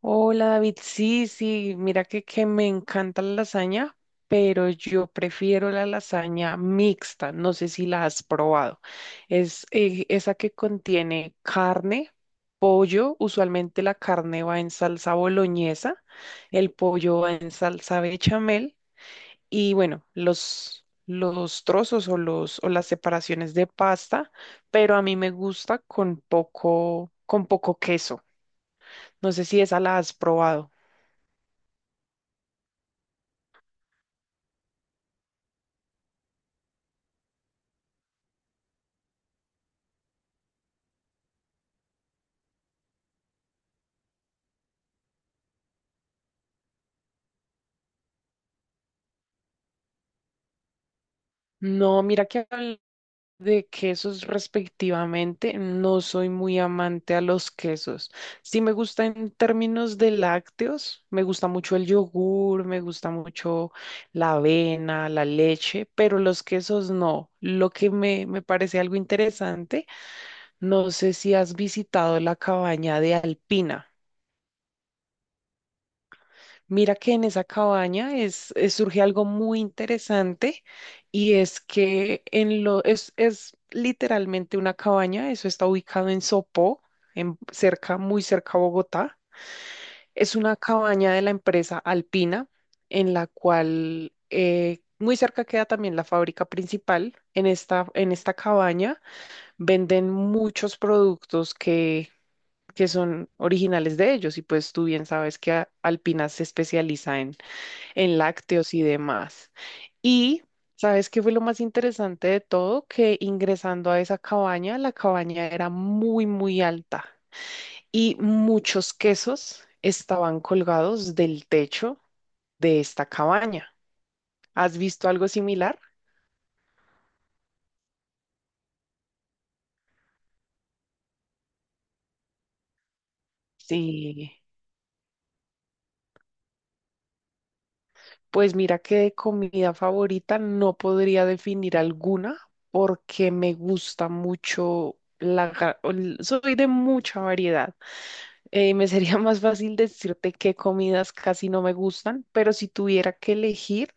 Hola David, sí, sí, mira que me encanta la lasaña, pero yo prefiero la lasaña mixta, no sé si la has probado. Es esa que contiene carne, pollo, usualmente la carne va en salsa boloñesa, el pollo va en salsa bechamel y bueno, los trozos o las separaciones de pasta, pero a mí me gusta con poco queso. No sé si esa la has probado. No, mira que hablar de quesos respectivamente, no soy muy amante a los quesos. Sí me gusta en términos de lácteos, me gusta mucho el yogur, me gusta mucho la avena, la leche, pero los quesos no. Lo que me parece algo interesante, no sé si has visitado la cabaña de Alpina. Mira que en esa cabaña surge algo muy interesante y es que es literalmente una cabaña, eso está ubicado en Sopó, cerca, muy cerca a Bogotá. Es una cabaña de la empresa Alpina, en la cual muy cerca queda también la fábrica principal. En esta cabaña venden muchos productos que son originales de ellos y pues tú bien sabes que Alpina se especializa en lácteos y demás. Y ¿sabes qué fue lo más interesante de todo? Que ingresando a esa cabaña, la cabaña era muy, muy alta y muchos quesos estaban colgados del techo de esta cabaña. ¿Has visto algo similar? Sí. Pues mira que de comida favorita no podría definir alguna porque me gusta mucho la... Soy de mucha variedad. Me sería más fácil decirte qué comidas casi no me gustan, pero si tuviera que elegir,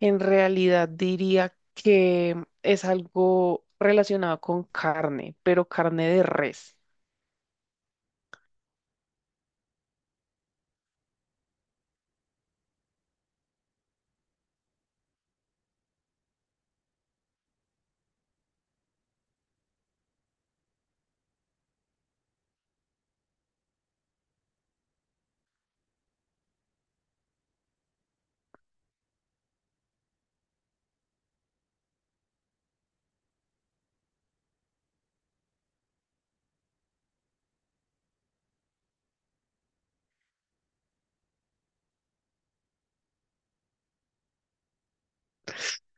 en realidad diría que es algo relacionado con carne, pero carne de res.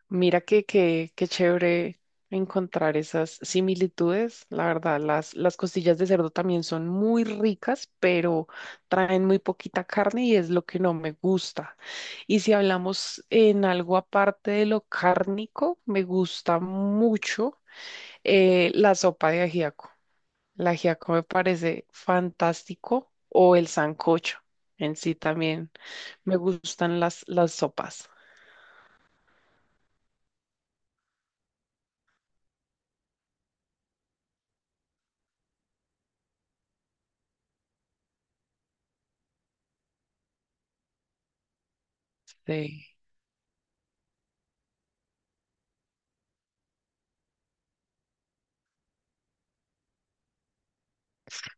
Mira qué chévere encontrar esas similitudes. La verdad, las costillas de cerdo también son muy ricas, pero traen muy poquita carne y es lo que no me gusta. Y si hablamos en algo aparte de lo cárnico, me gusta mucho la sopa de ajiaco. El ajiaco me parece fantástico o el sancocho en sí también. Me gustan las sopas. Sí.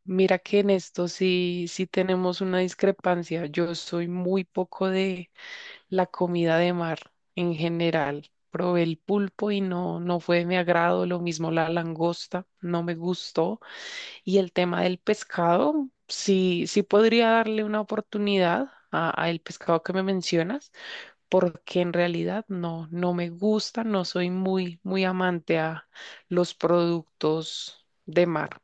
Mira que en esto sí, sí tenemos una discrepancia. Yo soy muy poco de la comida de mar en general. Probé el pulpo y no, no fue de mi agrado. Lo mismo la langosta, no me gustó. Y el tema del pescado, sí, sí podría darle una oportunidad a el pescado que me mencionas, porque en realidad no, no me gusta, no soy muy, muy amante a los productos de mar.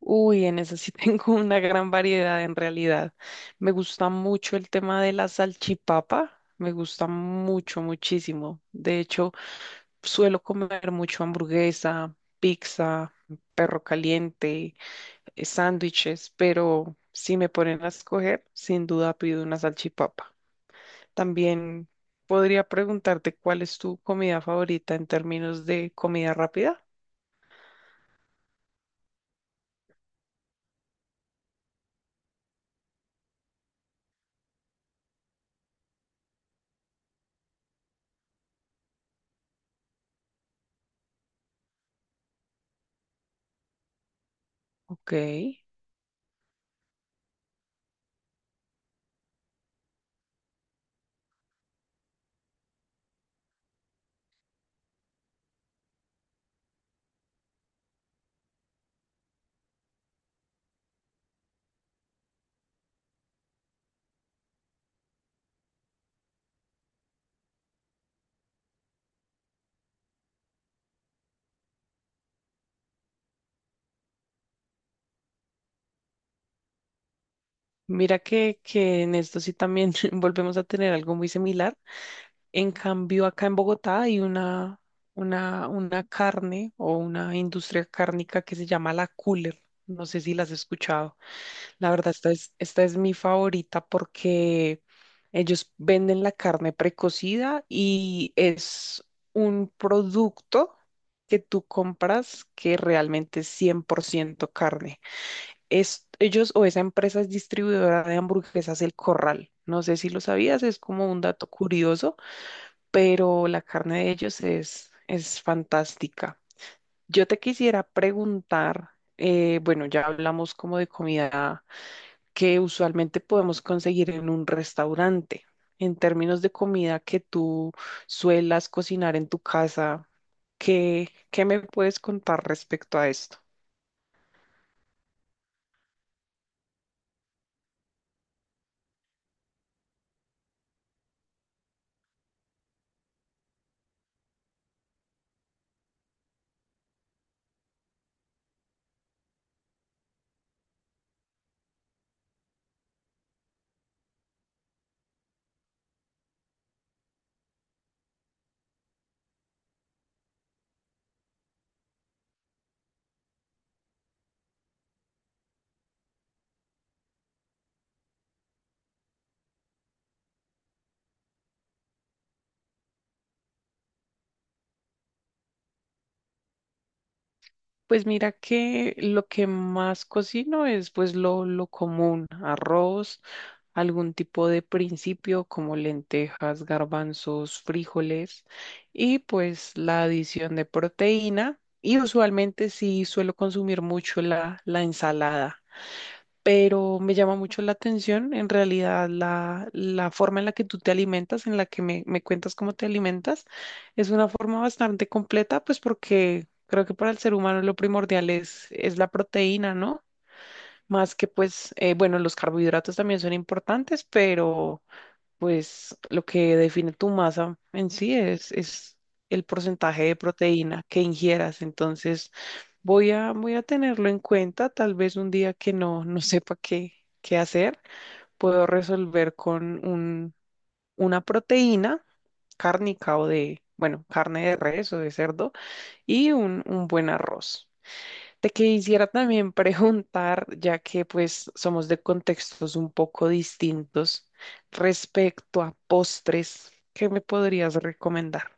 Uy, en eso sí tengo una gran variedad en realidad. Me gusta mucho el tema de la salchipapa, me gusta mucho, muchísimo. De hecho, suelo comer mucho hamburguesa, pizza, perro caliente, sándwiches, pero si me ponen a escoger, sin duda pido una salchipapa. También podría preguntarte cuál es tu comida favorita en términos de comida rápida. Ok. Mira que en esto sí también volvemos a tener algo muy similar. En cambio, acá en Bogotá hay una carne o una industria cárnica que se llama la Cooler. No sé si las has escuchado. La verdad, esta es mi favorita porque ellos venden la carne precocida y es un producto que tú compras que realmente es 100% carne. Es, ellos o esa empresa es distribuidora de hamburguesas El Corral. No sé si lo sabías, es como un dato curioso, pero la carne de ellos es fantástica. Yo te quisiera preguntar, bueno, ya hablamos como de comida que usualmente podemos conseguir en un restaurante. En términos de comida que tú suelas cocinar en tu casa, ¿qué me puedes contar respecto a esto? Pues mira que lo que más cocino es pues lo común, arroz, algún tipo de principio como lentejas, garbanzos, frijoles y pues la adición de proteína y usualmente sí suelo consumir mucho la ensalada, pero me llama mucho la atención en realidad la forma en la que tú te alimentas, en la que me cuentas cómo te alimentas, es una forma bastante completa, pues porque creo que para el ser humano lo primordial es la proteína, ¿no? Más que pues, bueno, los carbohidratos también son importantes, pero pues lo que define tu masa en sí es el porcentaje de proteína que ingieras. Entonces, voy a tenerlo en cuenta. Tal vez un día que no, no sepa qué, qué hacer, puedo resolver con una proteína cárnica o de, bueno, carne de res o de cerdo y un buen arroz. Te quisiera también preguntar, ya que pues somos de contextos un poco distintos, respecto a postres, ¿qué me podrías recomendar?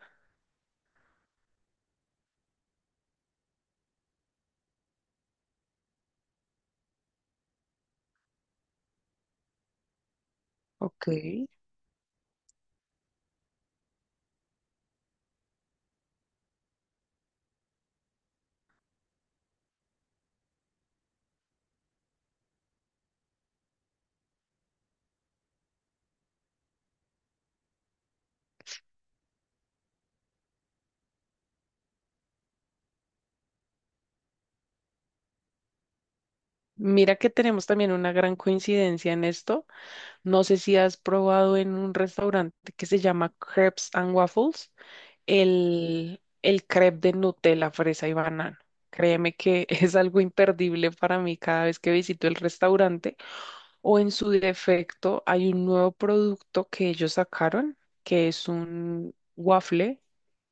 Ok. Mira que tenemos también una gran coincidencia en esto. No sé si has probado en un restaurante que se llama Crepes and Waffles el crepe de Nutella, fresa y banano. Créeme que es algo imperdible para mí cada vez que visito el restaurante. O en su defecto, hay un nuevo producto que ellos sacaron, que es un waffle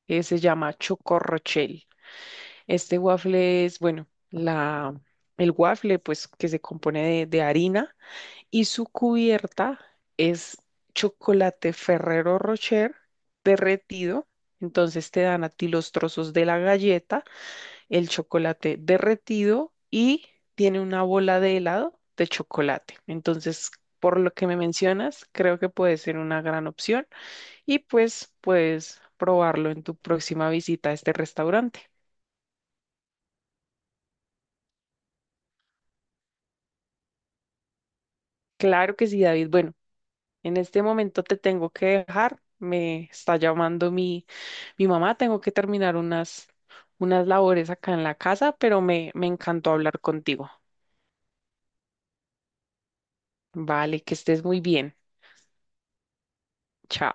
que se llama Choco Rochelle. Este waffle es, bueno, el waffle pues que se compone de harina y su cubierta es chocolate Ferrero Rocher derretido. Entonces te dan a ti los trozos de la galleta, el chocolate derretido y tiene una bola de helado de chocolate. Entonces, por lo que me mencionas, creo que puede ser una gran opción y pues puedes probarlo en tu próxima visita a este restaurante. Claro que sí, David. Bueno, en este momento te tengo que dejar. Me está llamando mi mamá. Tengo que terminar unas labores acá en la casa, pero me encantó hablar contigo. Vale, que estés muy bien. Chao.